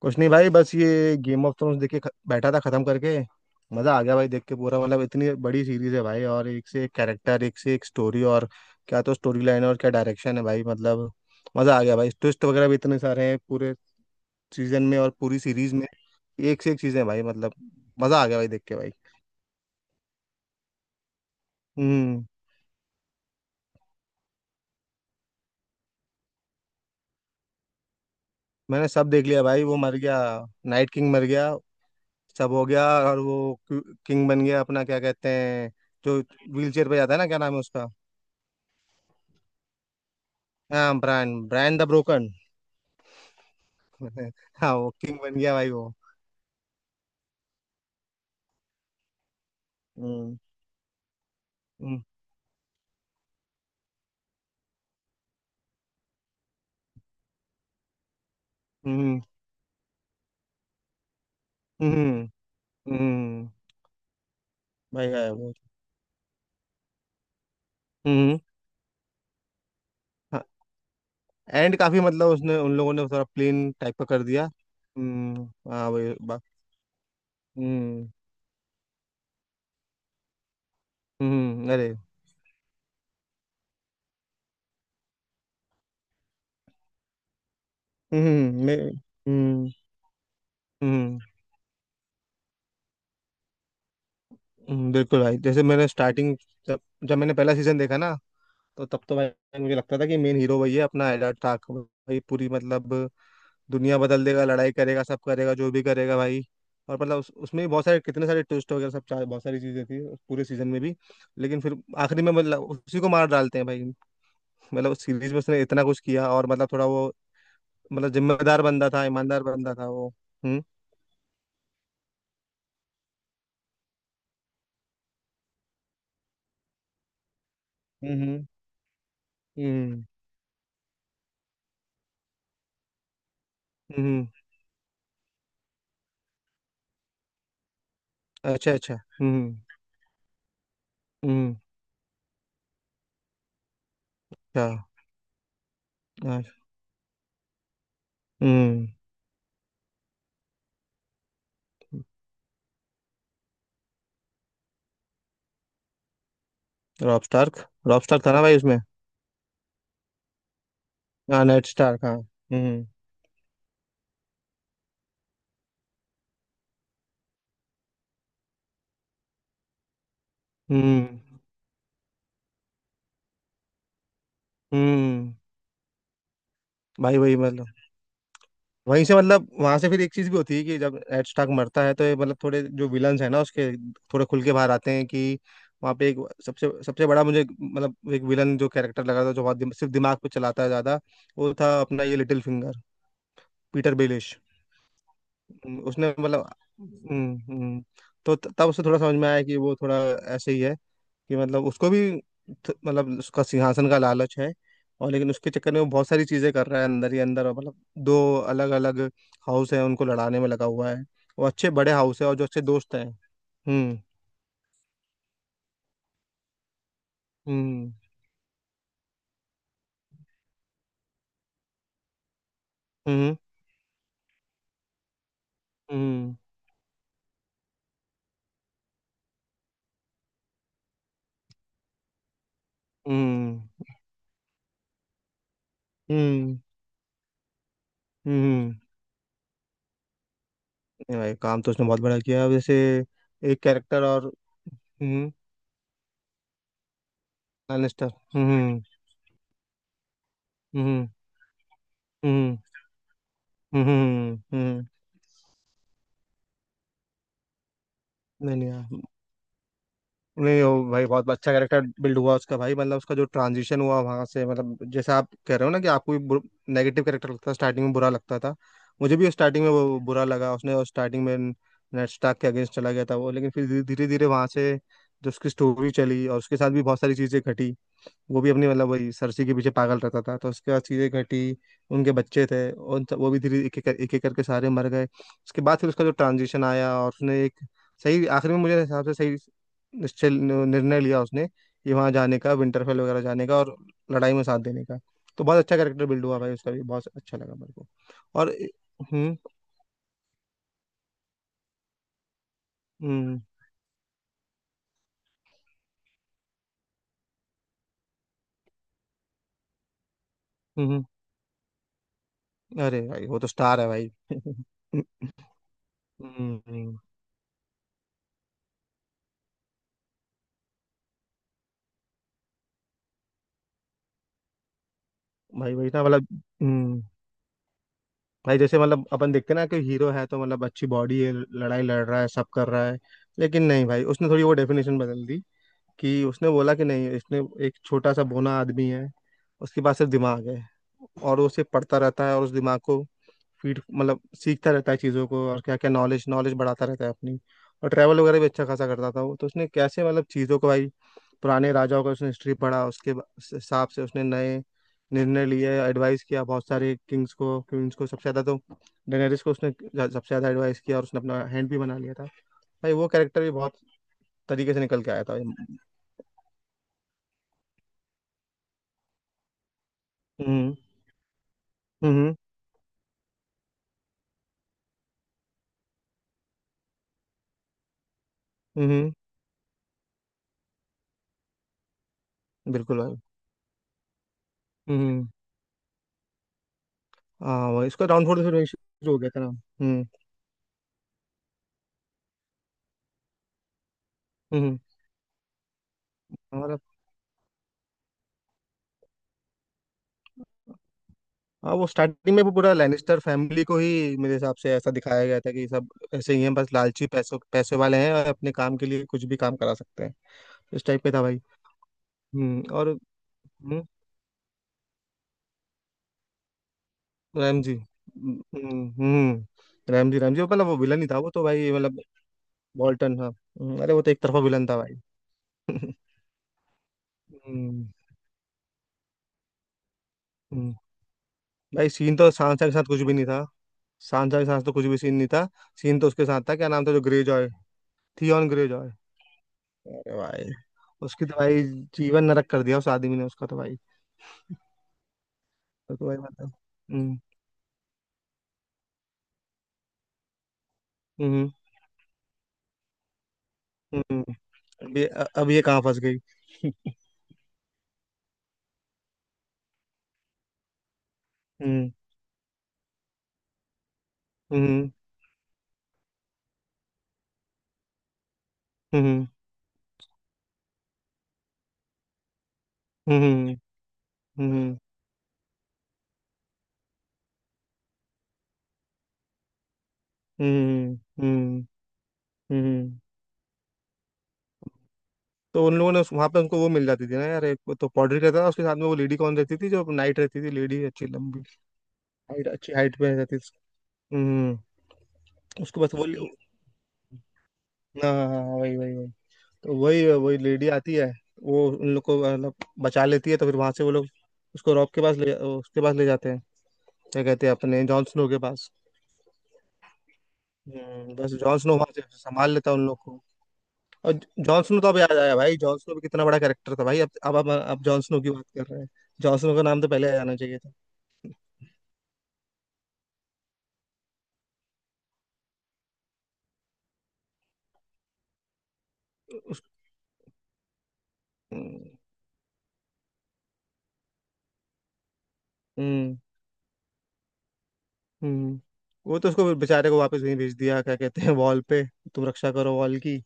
कुछ नहीं भाई, बस ये गेम ऑफ थ्रोन्स देख के बैठा था खत्म करके। मजा आ गया भाई देख के, पूरा मतलब इतनी बड़ी सीरीज है भाई, और एक से एक कैरेक्टर, एक से एक स्टोरी, और क्या तो स्टोरी लाइन, और क्या डायरेक्शन है भाई मतलब। मजा आ गया भाई, ट्विस्ट वगैरह भी इतने सारे हैं पूरे सीजन में, और पूरी सीरीज में एक से एक चीजें हैं भाई मतलब। मजा आ गया भाई देख के भाई। हम्म। मैंने सब देख लिया भाई, वो मर गया, नाइट किंग मर गया, सब हो गया, और वो किंग बन गया, अपना क्या कहते हैं जो व्हील चेयर पे जाता है ना, क्या नाम है उसका। हाँ, ब्रांड, ब्रांड द ब्रोकन। हाँ वो किंग बन गया भाई वो। हम्म, हम्म, हम्म, हम्म, हम्म। भाई है वो। हम्म, हम्म। हाँ, एंड काफी, मतलब उसने, उन लोगों ने थोड़ा प्लेन टाइप का कर दिया। हम्म। हाँ भाई हम्म, हम्म, अरे, हम्म, मैं हम्म। हम्म, बिल्कुल भाई, जैसे मैंने स्टार्टिंग, जब जब मैंने पहला सीजन देखा ना, तो तब तो भाई मुझे लगता था कि मेन हीरो वही है, अपना एडा टाक भाई, पूरी मतलब दुनिया बदल देगा, लड़ाई करेगा, सब करेगा, जो भी करेगा भाई। और मतलब उसमें भी बहुत सारे, कितने सारे ट्विस्ट वगैरह, सब बहुत सारी चीजें थी उस पूरे सीजन में भी। लेकिन फिर आखिरी में मतलब उसी को मार डालते हैं भाई। मतलब उस सीरीज में उसने इतना कुछ किया, और मतलब थोड़ा वो, मतलब जिम्मेदार बंदा था, ईमानदार बंदा था वो। हम्म, हम्म, हम्म, हम्म, अच्छा, अच्छा, हम्म, हम्म, अच्छा, हाँ, हम्म। रॉब स्टार्क, रॉब स्टार्क था ना भाई उसमें। हाँ, नेड स्टार्क, हाँ। हम्म, हम्म, हम्म। भाई वही मतलब, वहीं से, मतलब वहां से फिर एक चीज भी होती है कि जब एड स्टार्क मरता है, तो ये मतलब थोड़े जो विलन्स है ना उसके, थोड़े खुल के बाहर आते हैं कि वहाँ पे एक सबसे सबसे बड़ा, मुझे मतलब एक विलन जो कैरेक्टर लगा था, जो बहुत सिर्फ दिमाग पे चलाता है ज्यादा, वो था अपना ये लिटिल फिंगर, पीटर बेलिश। उसने मतलब, हम्म, तो तब उसे थोड़ा समझ में आया कि वो थोड़ा ऐसे ही है, कि मतलब उसको भी मतलब उसका सिंहासन का लालच है, और लेकिन उसके चक्कर में वो बहुत सारी चीजें कर रहा है अंदर ही अंदर, और मतलब दो अलग अलग हाउस है, उनको लड़ाने में लगा हुआ है, वो अच्छे बड़े हाउस है और जो अच्छे दोस्त हैं। हम्म, हम्म, हम्म, हम्म, हम्म, हम्म, हम्म। नहीं भाई, काम तो उसने बहुत बड़ा किया, अब जैसे एक कैरेक्टर और। हम्म। लैनिस्टर, हम्म, हम्म, हम्म, हम्म, हम्म, हम्म, नहीं, नहीं यार, नहीं वो भाई बहुत अच्छा कैरेक्टर बिल्ड हुआ उसका भाई, मतलब उसका जो ट्रांजिशन हुआ वहां से, मतलब जैसे आप कह रहे हो ना कि आपको भी नेगेटिव कैरेक्टर लगता था, स्टार्टिंग में बुरा लगता था। मुझे भी स्टार्टिंग में वो बुरा लगा, उसने स्टार्टिंग में नेड स्टार्क के अगेंस्ट चला गया था वो, लेकिन फिर धीरे धीरे वहां से जो उसकी स्टोरी चली, और उसके साथ भी बहुत सारी चीजें घटी, वो भी अपनी मतलब वही सरसी के पीछे पागल रहता था, तो उसके बाद चीज़ें घटी, उनके बच्चे थे, और वो भी धीरे एक एक एक एक करके सारे मर गए, उसके बाद फिर उसका जो ट्रांजिशन आया, और उसने एक सही, आखिर में मुझे हिसाब से सही निश्चय निर्णय लिया उसने, कि वहाँ जाने का, विंटरफेल वगैरह जाने का, और लड़ाई में साथ देने का। तो बहुत अच्छा कैरेक्टर बिल्ड हुआ भाई उसका भी, बहुत अच्छा लगा मेरे को। और हम्म, हम्म, हम्म, हम्म। अरे भाई वो तो स्टार है भाई। हम्म, हम्म। भाई वही ना मतलब। हम्म। भाई जैसे मतलब अपन देखते ना कि हीरो है तो मतलब अच्छी बॉडी है, लड़ाई लड़ रहा है, सब कर रहा है, लेकिन नहीं भाई उसने थोड़ी वो डेफिनेशन बदल दी कि उसने बोला कि नहीं, इसने एक छोटा सा बोना आदमी है, उसके पास सिर्फ दिमाग है, और वो सिर्फ पढ़ता रहता है, और उस दिमाग को फीड, मतलब सीखता रहता है चीज़ों को, और क्या क्या नॉलेज, नॉलेज बढ़ाता रहता है अपनी। और ट्रैवल वगैरह भी अच्छा खासा करता था वो, तो उसने कैसे मतलब चीज़ों को भाई, पुराने राजाओं का उसने हिस्ट्री पढ़ा, उसके उस हिसाब से उसने नए निर्णय लिए, एडवाइस किया बहुत सारे किंग्स को, क्वींस को, सबसे ज्यादा तो डेनेरिस को उसने सबसे ज्यादा एडवाइस किया, और उसने अपना हैंड भी बना लिया था। भाई वो कैरेक्टर भी बहुत तरीके से निकल के आया था। हम्म, हम्म, हम्म, हम्म, बिल्कुल भाई। हम्म। हाँ वही, इसका डाउनफॉल तो फिर वही शुरू हो गया था ना। हम्म, हम्म और हाँ। वो स्टार्टिंग में वो पूरा लैनिस्टर फैमिली को ही मेरे हिसाब से ऐसा दिखाया गया था कि सब ऐसे ही हैं, बस लालची, पैसों, पैसे वाले हैं, और अपने काम के लिए कुछ भी काम करा सकते हैं, इस टाइप पे था भाई। और हम्म, राम जी, हम्म, राम जी, राम जी वो मतलब वो विलन ही था वो, तो भाई मतलब वॉल्टन, हाँ, अरे वो तो एक तरफा विलन था भाई। हम्म, हम्म। भाई सीन तो सांसा के साथ कुछ भी नहीं था, सांसा के साथ तो कुछ भी सीन नहीं था, सीन तो उसके साथ था, क्या नाम था जो Greyjoy, Theon Greyjoy. अरे भाई, उसकी तो भाई जीवन नरक कर दिया उस आदमी ने उसका, तो भाई तो भाई मतलब। हम्म, हम्म, हम्म। अब ये अब ये कहाँ फंस गई। हम्म, हम्म, हम्म, हम्म, हम्म, हम्म, हम्म, हम्म, हम्म। तो उन लोगों ने वहां पे उनको वो मिल जाती थी ना यार, एक वो तो पॉडरी रहता था उसके साथ में, वो लेडी कौन रहती थी जो नाइट रहती थी, लेडी अच्छी लंबी, हाइट अच्छी हाइट पे रहती थी। हम्म। उसको बस वो, हाँ, हाँ, हाँ, वही वही वही, तो वही वही लेडी आती है, वो उन लोग को मतलब बचा लेती है, तो फिर वहां से वो लोग उसको रॉब के पास ले, उसके पास ले जाते हैं, क्या कहते हैं अपने जॉन स्नो के पास। बस जॉन स्नो वहां से संभाल लेता है उन लोग को। और जॉन स्नो तो अब याद आया भाई, जॉन स्नो भी कितना बड़ा कैरेक्टर था भाई, अब जॉन स्नो की बात कर रहे हैं, जॉन स्नो का नाम तो पहले आ जाना चाहिए था। उस हम्म, हम्म। वो तो उसको बेचारे को वापस वहीं भेज दिया, क्या कहते हैं वॉल पे, तुम रक्षा करो वॉल की,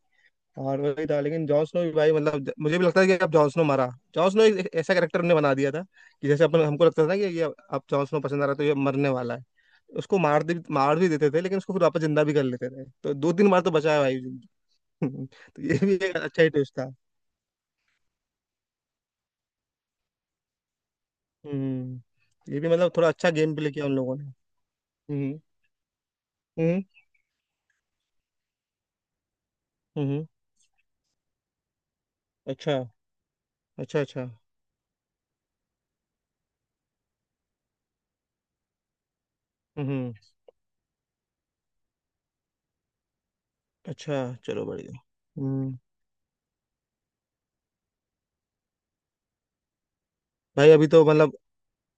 और वही था। लेकिन जॉन स्नो भी भाई, मतलब मुझे भी लगता है कि अब जॉन स्नो मरा। जॉन स्नो एक एक ऐसा कैरेक्टर उन्होंने बना दिया था कि जैसे अपन, हमको लगता था ना कि ये अब जॉन स्नो पसंद आ रहा है तो ये मरने वाला है, उसको मार दे, मार भी देते थे, लेकिन उसको फिर वापस जिंदा भी कर लेते थे, तो दो तीन बार तो बचाया भाई जिंदा। तो ये भी एक अच्छा ही ट्विस्ट था। हम्म। ये भी मतलब थोड़ा अच्छा गेम प्ले किया उन लोगों ने। हम्म, हम्म, हम्म, अच्छा, अच्छा, अच्छा। हम्म। अच्छा, चलो बढ़िया। हम्म। भाई अभी तो मतलब,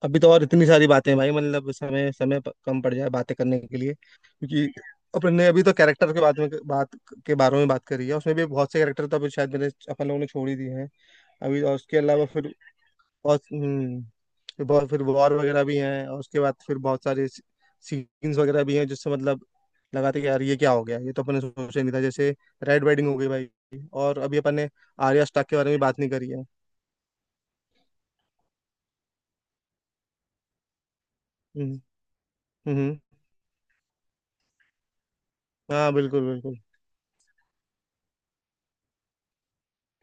अभी तो और इतनी सारी बातें हैं भाई, मतलब समय समय कम पड़ जाए बातें करने के लिए, क्योंकि अपन ने अभी तो कैरेक्टर के बारे में बात, के बारे में बात करी है, उसमें भी बहुत से कैरेक्टर तो अभी शायद मैंने, अपन लोगों ने छोड़ ही दिए हैं अभी। और उसके अलावा फिर बहुत, फिर बहुत फिर वॉर वगैरह भी हैं, और उसके बाद फिर बहुत सारे सीन्स वगैरह भी हैं, जिससे मतलब लगा था कि यार ये क्या हो गया, ये तो अपन ने सोचा ही नहीं था, जैसे रेड वेडिंग हो गई भाई। और अभी अपन ने आर्या स्टाक के बारे में बात नहीं करी है। हम्म, हम्म, हाँ, बिल्कुल, बिल्कुल।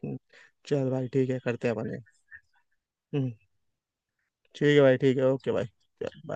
हम्म, चल भाई ठीक है, करते हैं अपने। हम्म, ठीक है भाई, ठीक है, ओके भाई। चल bye।